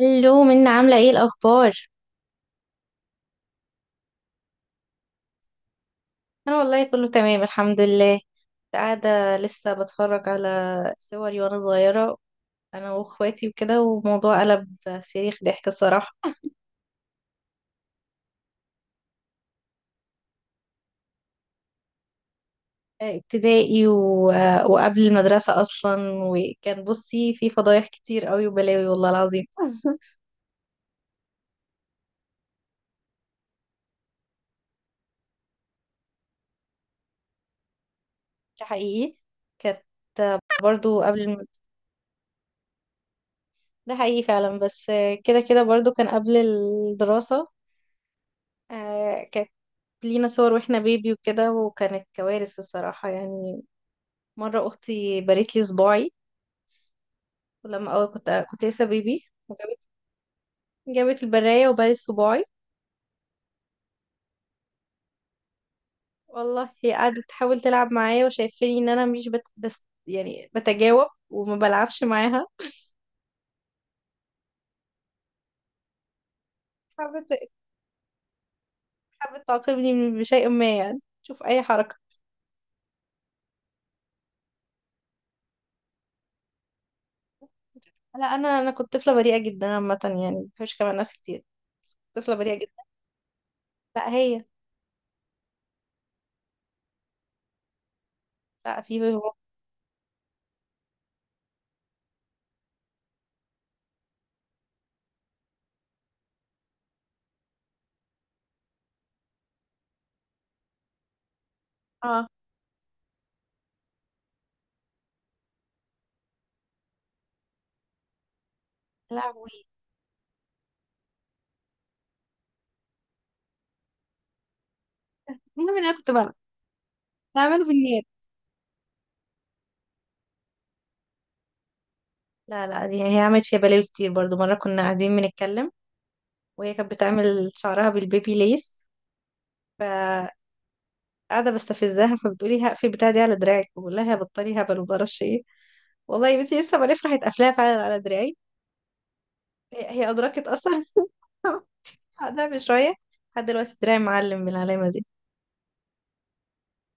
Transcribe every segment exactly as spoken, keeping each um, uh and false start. الو منى، عاملة ايه الأخبار؟ أنا والله كله تمام الحمد لله. كنت قاعدة لسه بتفرج على صوري وأنا صغيرة، أنا وأخواتي وكده، وموضوع قلب صريخ ضحك الصراحة. ابتدائي و... وقبل المدرسة أصلا، وكان بصي في فضايح كتير قوي وبلاوي والله العظيم. ده حقيقي، كانت برضو قبل الم... ده حقيقي فعلا. بس كده كده برضو كان قبل الدراسة. لينا صور واحنا بيبي وكده، وكانت كوارث الصراحة يعني مرة أختي بريت لي صباعي. ولما أول كنت كنت لسه بيبي وجابت جابت البراية وبرت صباعي. والله هي قعدت تحاول تلعب معايا، وشايفاني إن أنا مش بت... بس يعني بتجاوب وما بلعبش معاها. حابة حابة تعاقبني من- بشيء ما، يعني شوف أي حركة. لا، أنا أنا كنت طفلة بريئة جدا عامة، يعني ما بحبش كمان ناس كتير. طفلة بريئة جدا. لا هي. لا في. اه. لا وي. المهم إن أنا كنت بلعب، بعمله بالنيابة. لا لا، دي هي عملت فيها بلاوي كتير برضو. مرة كنا قاعدين بنتكلم وهي كانت بتعمل شعرها بالبيبي ليس، فقاعدة بستفزها، فبتقولي هقفل بتاع دي على دراعك. بقول لها يا بطلي هبل ومعرفش ايه. والله يا بنتي لسه بلف راحت قافلاها فعلا على دراعي. هي هي أدركت أصلا بعدها بشوية. لحد دلوقتي دراعي معلم بالعلامة دي،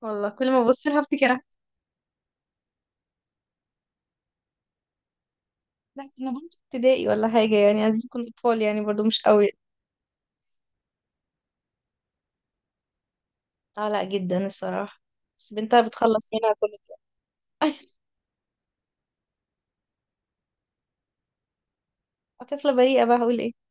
والله كل ما ببص لها افتكرها. لا، كنا بنت ابتدائي ولا حاجة يعني، عايزين نكون أطفال يعني برضو مش قوي. اه لا جدا الصراحة، بس بنتها بتخلص منها كل طفلة بريئة بقى، هقول ايه.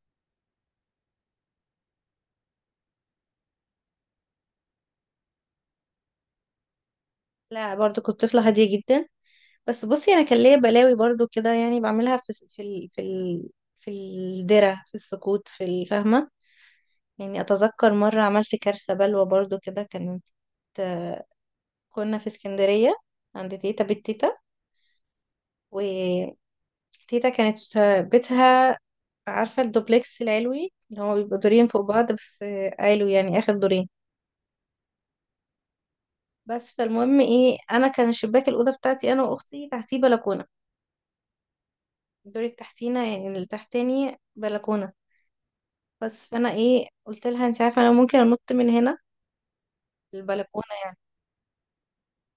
لا برضو كنت طفلة هادية جدا. بس بصي، انا كان ليا بلاوي برضو كده، يعني بعملها في الس- في ال... في ال... في الدرة، في السكوت، في الفهمة. يعني اتذكر مرة عملت كارثة بلوى برضو كده. كانت كنا في اسكندرية عند تيتا، بيت تيتا. وتيتا كانت بيتها، عارفة الدوبلكس العلوي اللي هو بيبقى دورين فوق بعض بس، علوي يعني آخر دورين. بس فالمهم ايه، انا كان الشباك الأوضة بتاعتي انا واختي تحتيه بلكونة، الدور التحتينا يعني اللي تحتاني بلكونة. بس فأنا إيه قلت لها أنت عارفة أنا ممكن أنط من هنا، البلكونة يعني.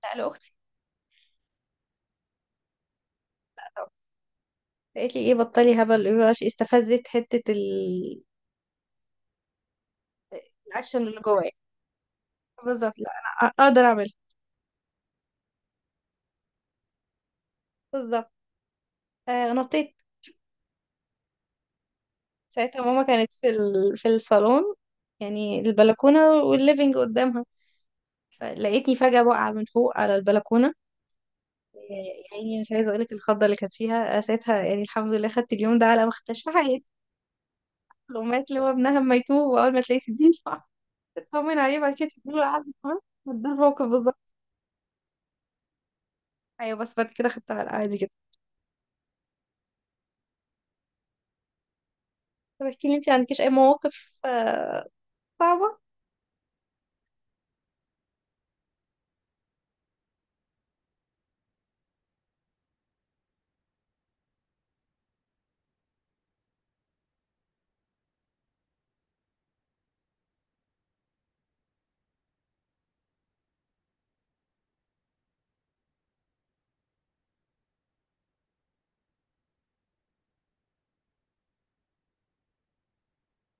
لا لأختي. قالت لي إيه بطلي هبل. إيه بقى، استفزت حتة ال- الأكشن اللي جوايا. بالظبط، لا أنا أ- أقدر أعملها. بالظبط، آه نطيت. ساعتها ماما كانت في ال... في الصالون، يعني البلكونة والليفينج قدامها. فلقيتني فجأة واقعة من فوق على البلكونة. يا عيني، مش عايزة أقولك الخضة اللي كانت فيها آه، ساعتها، يعني الحمد لله خدت اليوم ده على ما خدتهاش في حياتي. الأمهات اللي هو ابنها اما يتوب وأول ما تلاقيه تدين، تطمن عليه بعد كده تديله العقد كمان. ده الموقف بالظبط. أيوه، بس بعد كده خدتها على عادي جدا. طب احكي لي، انت عندكيش أي مواقف آه، صعبة؟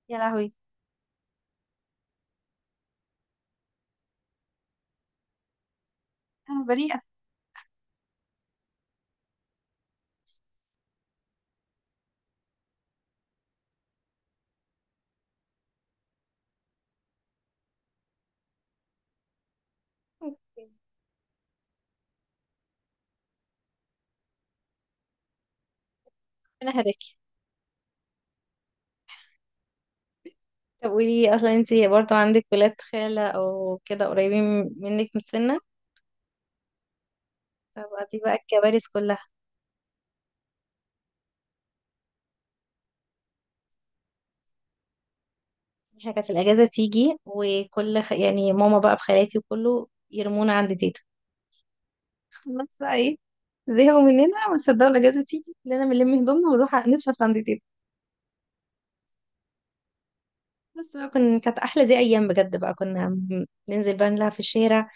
يا لهوي. أنا بريئة. أنا هداكي. طب قولي، أصلا انت برضو عندك ولاد خالة أو كده قريبين منك من السنة؟ طب دي بقى الكوارث كلها. احنا كانت الأجازة تيجي، وكل خ... يعني ماما بقى بخالاتي وكله يرمونا عند تيتا. بس بقى زهقوا مننا، ما صدقوا الاجازه تيجي كلنا بنلم هدومنا ونروح نشفط عند تيتا. بس بقى كن... كانت احلى دي ايام بجد بقى. كنا م- ننزل بقى نلعب في الشارع،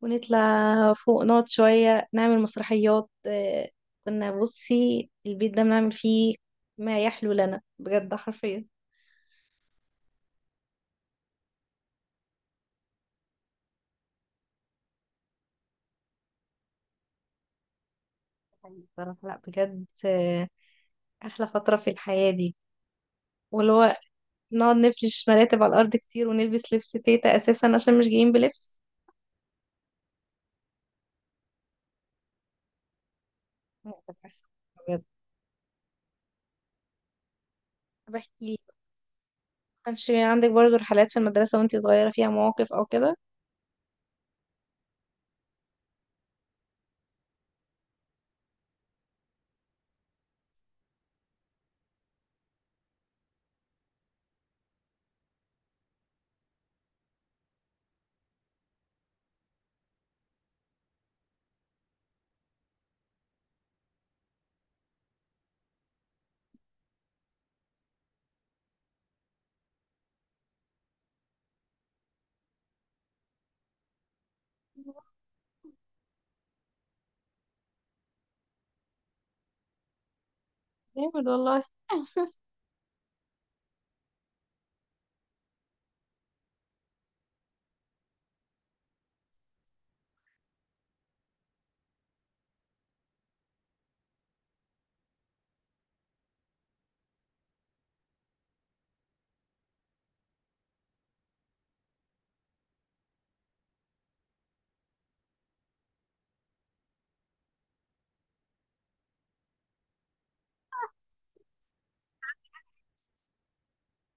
ونطلع فوق نقعد شويه نعمل مسرحيات آه، كنا بصي البيت ده بنعمل فيه ما يحلو لنا بجد حرفيا. حقيقي بصراحه، لا بجد آه، احلى فتره في الحياه دي. واللي هو نقعد نفرش مراتب على الارض كتير، ونلبس لبس تيتا اساسا عشان مش جايين بلبس. لا، كانت أحسن بجد. بحكي. كانش عندك برضو رحلات في المدرسة وانتي صغيرة فيها مواقف او كده؟ جامد والله.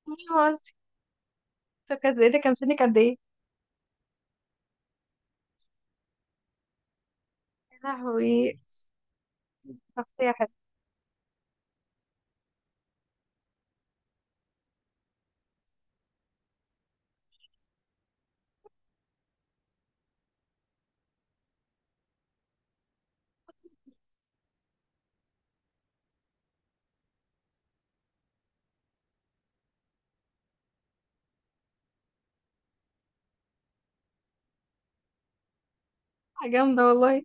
مين؟ قصدي، فكانت ايه، ده كان سنك قد ايه؟ يا لهوي. شخصية حلوة. جامدة والله. انا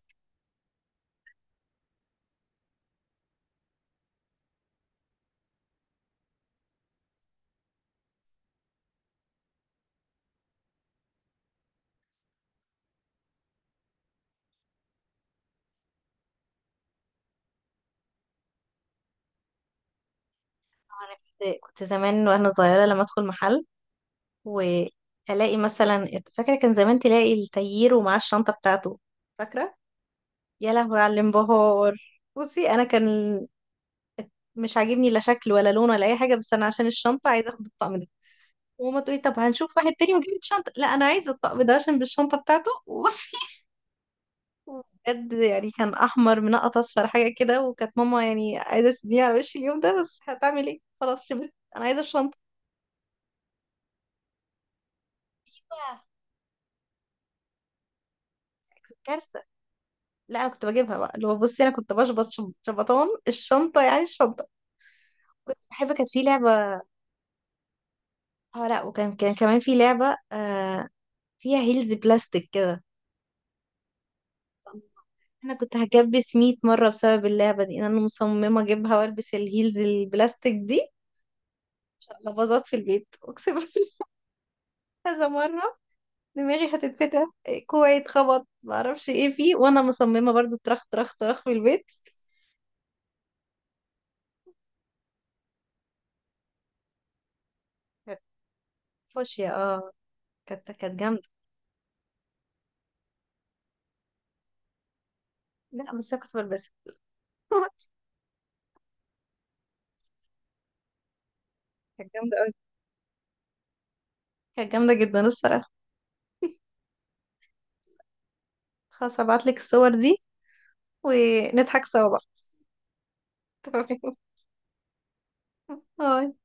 كنت كنت زمان وانا صغيرة لما ادخل محل والاقي مثلا، فاكرة كان زمان تلاقي التاير ومعاه الشنطة بتاعته، فاكرة؟ يا لهوي على الانبهار. بصي انا كان مش عاجبني لا شكل ولا لون ولا اي حاجة، بس انا عشان الشنطة عايزة اخد الطقم ده. وماما تقولي طب هنشوف واحد تاني واجيب لك شنطة. لا انا عايزة الطقم ده عشان بالشنطة بتاعته. وبصي بجد، يعني كان احمر منقط اصفر حاجه كده، وكانت ماما يعني عايزه تديني على وشي اليوم ده، بس هتعمل ايه خلاص، شبعت، انا عايزه الشنطه. آه، كنت كارثه. لا انا كنت بجيبها بقى، اللي هو بصي انا كنت بشبط شب- شبطان الشنطه، يعني الشنطه. كنت بحب، كانت في لعبه. اه لا، وكان كان كمان في لعبه آه، فيها هيلز بلاستيك كده. انا كنت هكبس مية مره بسبب اللعبه دي، إن انا مصممه اجيبها والبس الهيلز البلاستيك دي. عشان ابقى باظت في البيت اقسم بالله كذا مره. دماغي هتتفتح إيه، كوعي اتخبط معرفش ايه فيه، وانا مصممه برضو طرخ طرخ طرخ في البيت. كانت فاشيه اه، كانت كانت جامده. لا بس انا كنت بلبسها كانت جامده قوي. كانت جامده جدا الصراحه. خلاص هبعتلك الصور دي ونضحك سوا بقى. تمام. باي.